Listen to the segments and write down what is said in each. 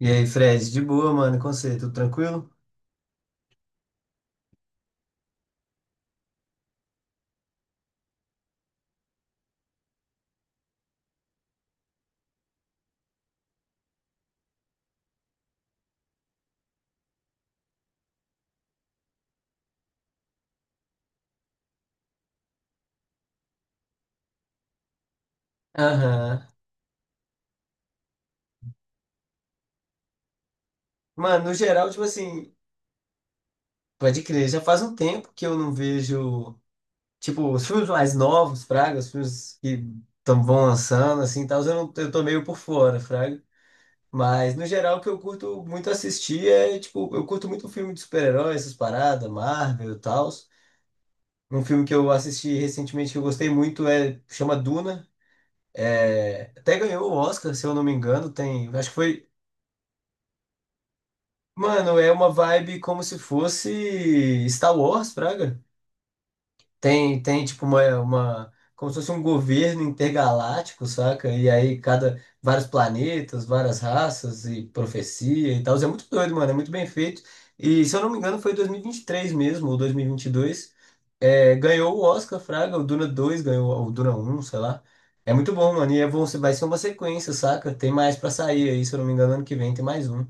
E aí, Fred, de boa, mano, com você, tudo tranquilo? Aham. Mano, no geral, tipo assim, pode crer, já faz um tempo que eu não vejo, tipo, os filmes mais novos, fraga, os filmes que tão, vão lançando, assim, tal, eu, não, eu tô meio por fora, fraga. Mas, no geral, o que eu curto muito assistir é, tipo, eu curto muito filme de super-heróis, essas paradas, Marvel e tal. Um filme que eu assisti recentemente que eu gostei muito é, chama Duna. É, até ganhou o Oscar, se eu não me engano, tem, acho que foi. Mano, é uma vibe como se fosse Star Wars, Praga. Tem tipo uma como se fosse um governo intergaláctico, saca? E aí vários planetas, várias raças e profecia e tal. É muito doido, mano, é muito bem feito. E se eu não me engano foi dois mil e vinte e três mesmo, ou 2022. É, ganhou o Oscar, Fraga, o Duna 2 ganhou, ou o Duna 1 sei lá. É muito bom, mano, e é bom, vai ser uma sequência, saca? Tem mais pra sair aí, se eu não me engano, ano que vem tem mais um.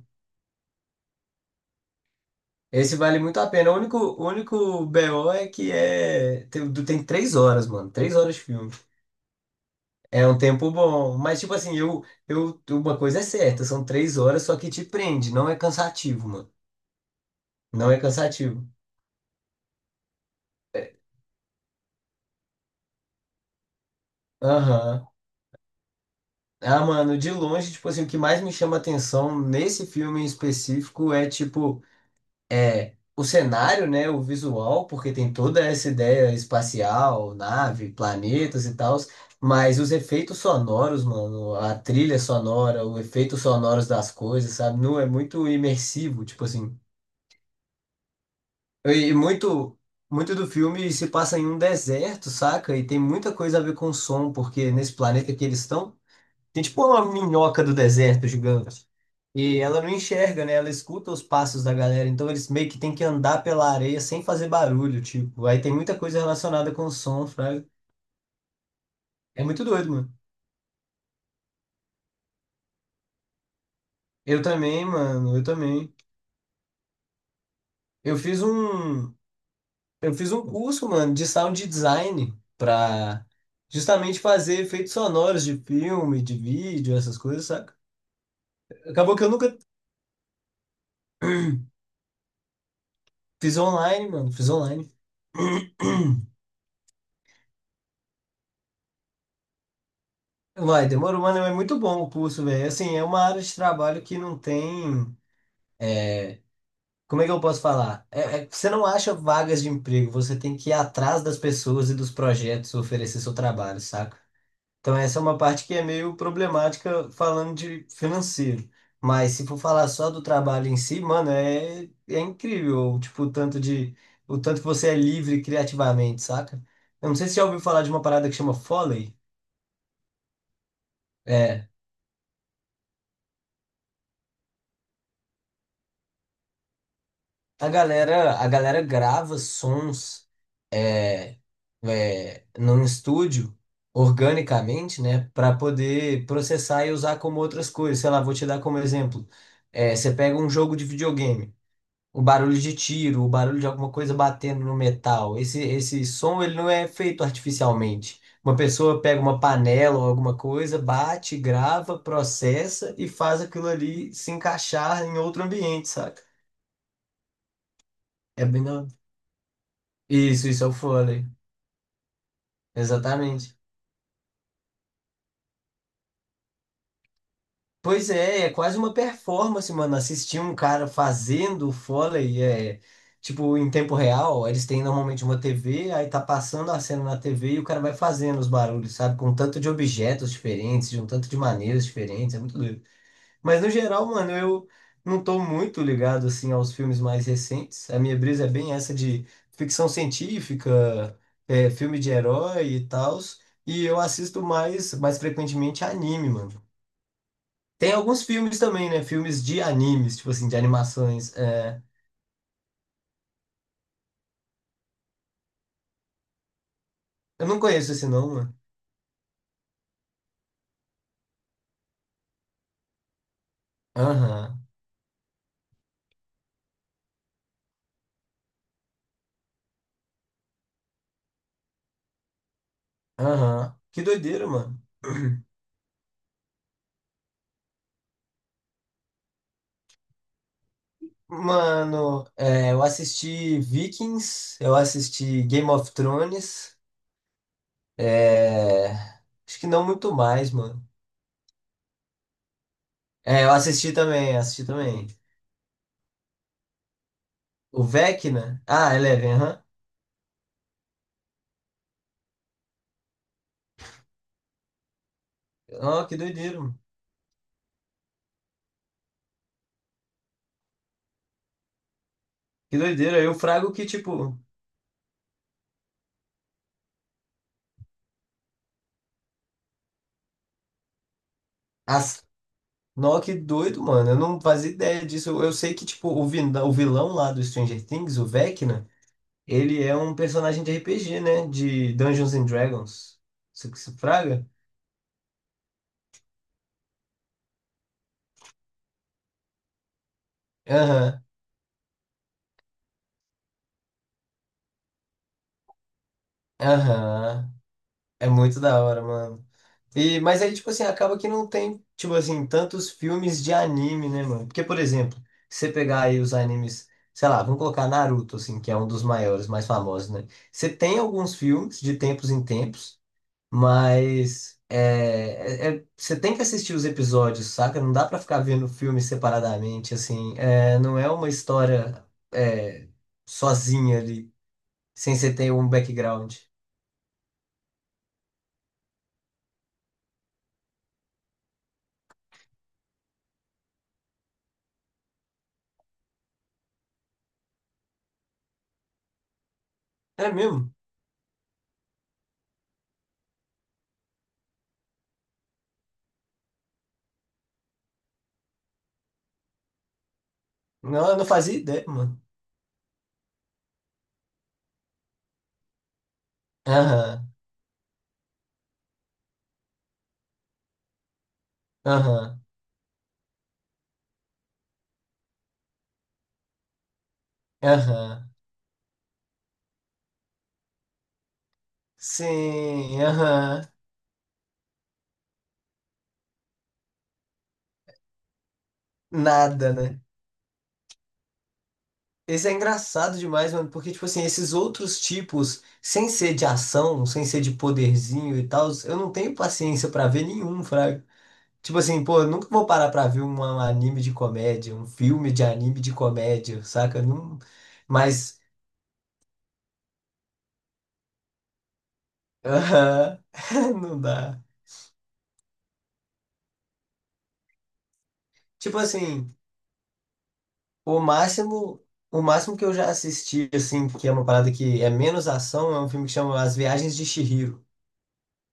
Esse vale muito a pena. O único BO é que é. Tem 3 horas, mano. 3 horas de filme. É um tempo bom. Mas, tipo assim, eu, uma coisa é certa, são 3 horas, só que te prende. Não é cansativo, mano. Não é cansativo. Aham. Ah, mano, de longe, tipo assim, o que mais me chama atenção nesse filme em específico é, tipo, é, o cenário, né, o visual, porque tem toda essa ideia espacial, nave, planetas e tal, mas os efeitos sonoros, mano, a trilha sonora, o efeito sonoros das coisas, sabe? Não é muito imersivo, tipo assim. E muito do filme se passa em um deserto, saca? E tem muita coisa a ver com som, porque nesse planeta que eles estão tem tipo uma minhoca do deserto gigante. E ela não enxerga, né? Ela escuta os passos da galera. Então eles meio que tem que andar pela areia sem fazer barulho, tipo. Aí tem muita coisa relacionada com o som, fraga. É muito doido, mano. Eu também, mano. Eu também. Eu fiz um, eu fiz um curso, mano, de sound design pra justamente fazer efeitos sonoros de filme, de vídeo, essas coisas, saca? Acabou que eu nunca fiz online, mano. Fiz online. Vai, demora humano é muito bom o curso, velho. Assim, é uma área de trabalho que não tem. Como é que eu posso falar? Você não acha vagas de emprego, você tem que ir atrás das pessoas e dos projetos oferecer seu trabalho, saca? Então, essa é uma parte que é meio problemática falando de financeiro. Mas se for falar só do trabalho em si, mano, é incrível, tipo, o tanto de, o tanto que você é livre criativamente, saca? Eu não sei se você já ouviu falar de uma parada que chama Foley. É. A galera grava sons é, num estúdio organicamente, né, para poder processar e usar como outras coisas. Sei lá, vou te dar como exemplo. É, você pega um jogo de videogame, o barulho de tiro, o barulho de alguma coisa batendo no metal. Esse som ele não é feito artificialmente. Uma pessoa pega uma panela ou alguma coisa, bate, grava, processa e faz aquilo ali se encaixar em outro ambiente, saca? É bem da... Isso é o fôlei. Exatamente. Pois é, é quase uma performance, mano. Assistir um cara fazendo o Foley, é, tipo, em tempo real, eles têm normalmente uma TV, aí tá passando a cena na TV e o cara vai fazendo os barulhos, sabe? Com um tanto de objetos diferentes, de um tanto de maneiras diferentes, é muito doido. Mas no geral, mano, eu não tô muito ligado, assim, aos filmes mais recentes. A minha brisa é bem essa de ficção científica, é, filme de herói e tals. E eu assisto mais frequentemente anime, mano. Tem alguns filmes também, né? Filmes de animes, tipo assim, de animações. É... Eu não conheço esse não, mano. Aham, aham. Que doideira, mano. Mano, é, eu assisti Vikings, eu assisti Game of Thrones, é, acho que não muito mais, mano. É, eu assisti também, assisti também. O Vecna, ah, Eleven, aham. Ó, que doideira, mano. Que doideira. Eu frago que, tipo, as. Nó, que doido, mano. Eu não fazia ideia disso. Eu sei que, tipo, o vilão lá do Stranger Things, o Vecna, ele é um personagem de RPG, né? De Dungeons and Dragons. Isso que se fraga? Aham, aham. É muito da hora, mano. E, mas aí, tipo assim, acaba que não tem, tipo assim, tantos filmes de anime, né, mano? Porque, por exemplo, se você pegar aí os animes, sei lá, vamos colocar Naruto, assim, que é um dos maiores, mais famosos, né? Você tem alguns filmes de tempos em tempos. Mas é, você tem que assistir os episódios, saca? Não dá pra ficar vendo o filme separadamente, assim. É, não é uma história é, sozinha ali, sem você ter um background. É mesmo? Não, eu não fazia ideia, mano. Aham, aham, aham. Sim, aham. Nada, né? Esse é engraçado demais, mano, porque, tipo assim, esses outros tipos, sem ser de ação, sem ser de poderzinho e tal, eu não tenho paciência pra ver nenhum, fraga. Tipo assim, pô, eu nunca vou parar pra ver um anime de comédia, um filme de anime de comédia, saca? Não... Mas, aham, não dá. Tipo assim, o máximo, o máximo que eu já assisti, assim, que é uma parada que é menos ação, é um filme que chama As Viagens de Chihiro.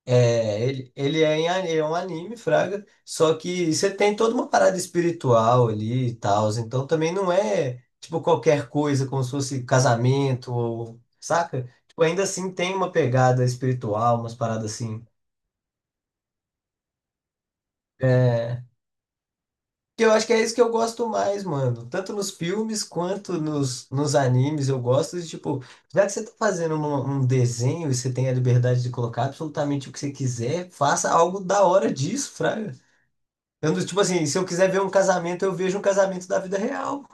É, ele é, em, a- é um anime, Fraga, só que você tem toda uma parada espiritual ali e tal, então também não é, tipo, qualquer coisa, como se fosse casamento, ou, saca? Tipo, ainda assim tem uma pegada espiritual, umas paradas assim. É, que eu acho que é isso que eu gosto mais, mano, tanto nos filmes quanto nos animes, eu gosto de, tipo, já que você tá fazendo um desenho e você tem a liberdade de colocar absolutamente o que você quiser, faça algo da hora disso, Fraga. Eu não- tipo assim, se eu quiser ver um casamento, eu vejo um casamento da vida real.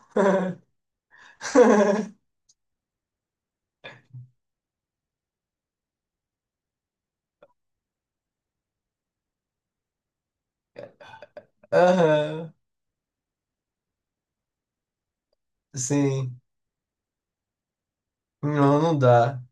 Aham, sim. Não, não dá.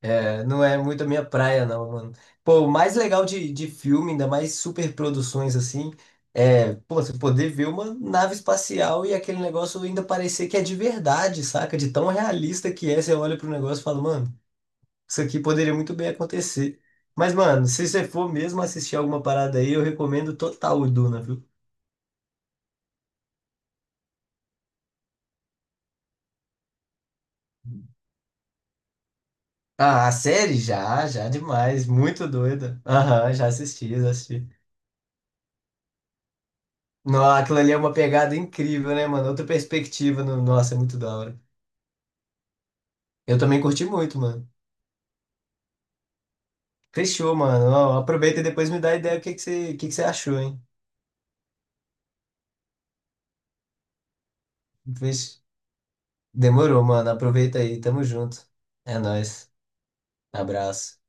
É, não é muito a minha praia, não, mano. Pô, o mais legal de filme, ainda mais super produções assim, é, pô, você poder ver uma nave espacial e aquele negócio ainda parecer que é de verdade, saca? De tão realista que é, você olha pro negócio e fala, mano, isso aqui poderia muito bem acontecer. Mas, mano, se você for mesmo assistir alguma parada aí, eu recomendo total o Duna, viu? Ah, a série? Já, já demais. Muito doida. Aham, já assisti, já assisti. Nossa, aquilo ali é uma pegada incrível, né, mano? Outra perspectiva. Nossa, é muito da hora. Eu também curti muito, mano. Fechou, mano. Ó, aproveita e depois me dá ideia do que que você achou, hein? Fech- Demorou, mano. Aproveita aí. Tamo junto. É nóis. Abraço.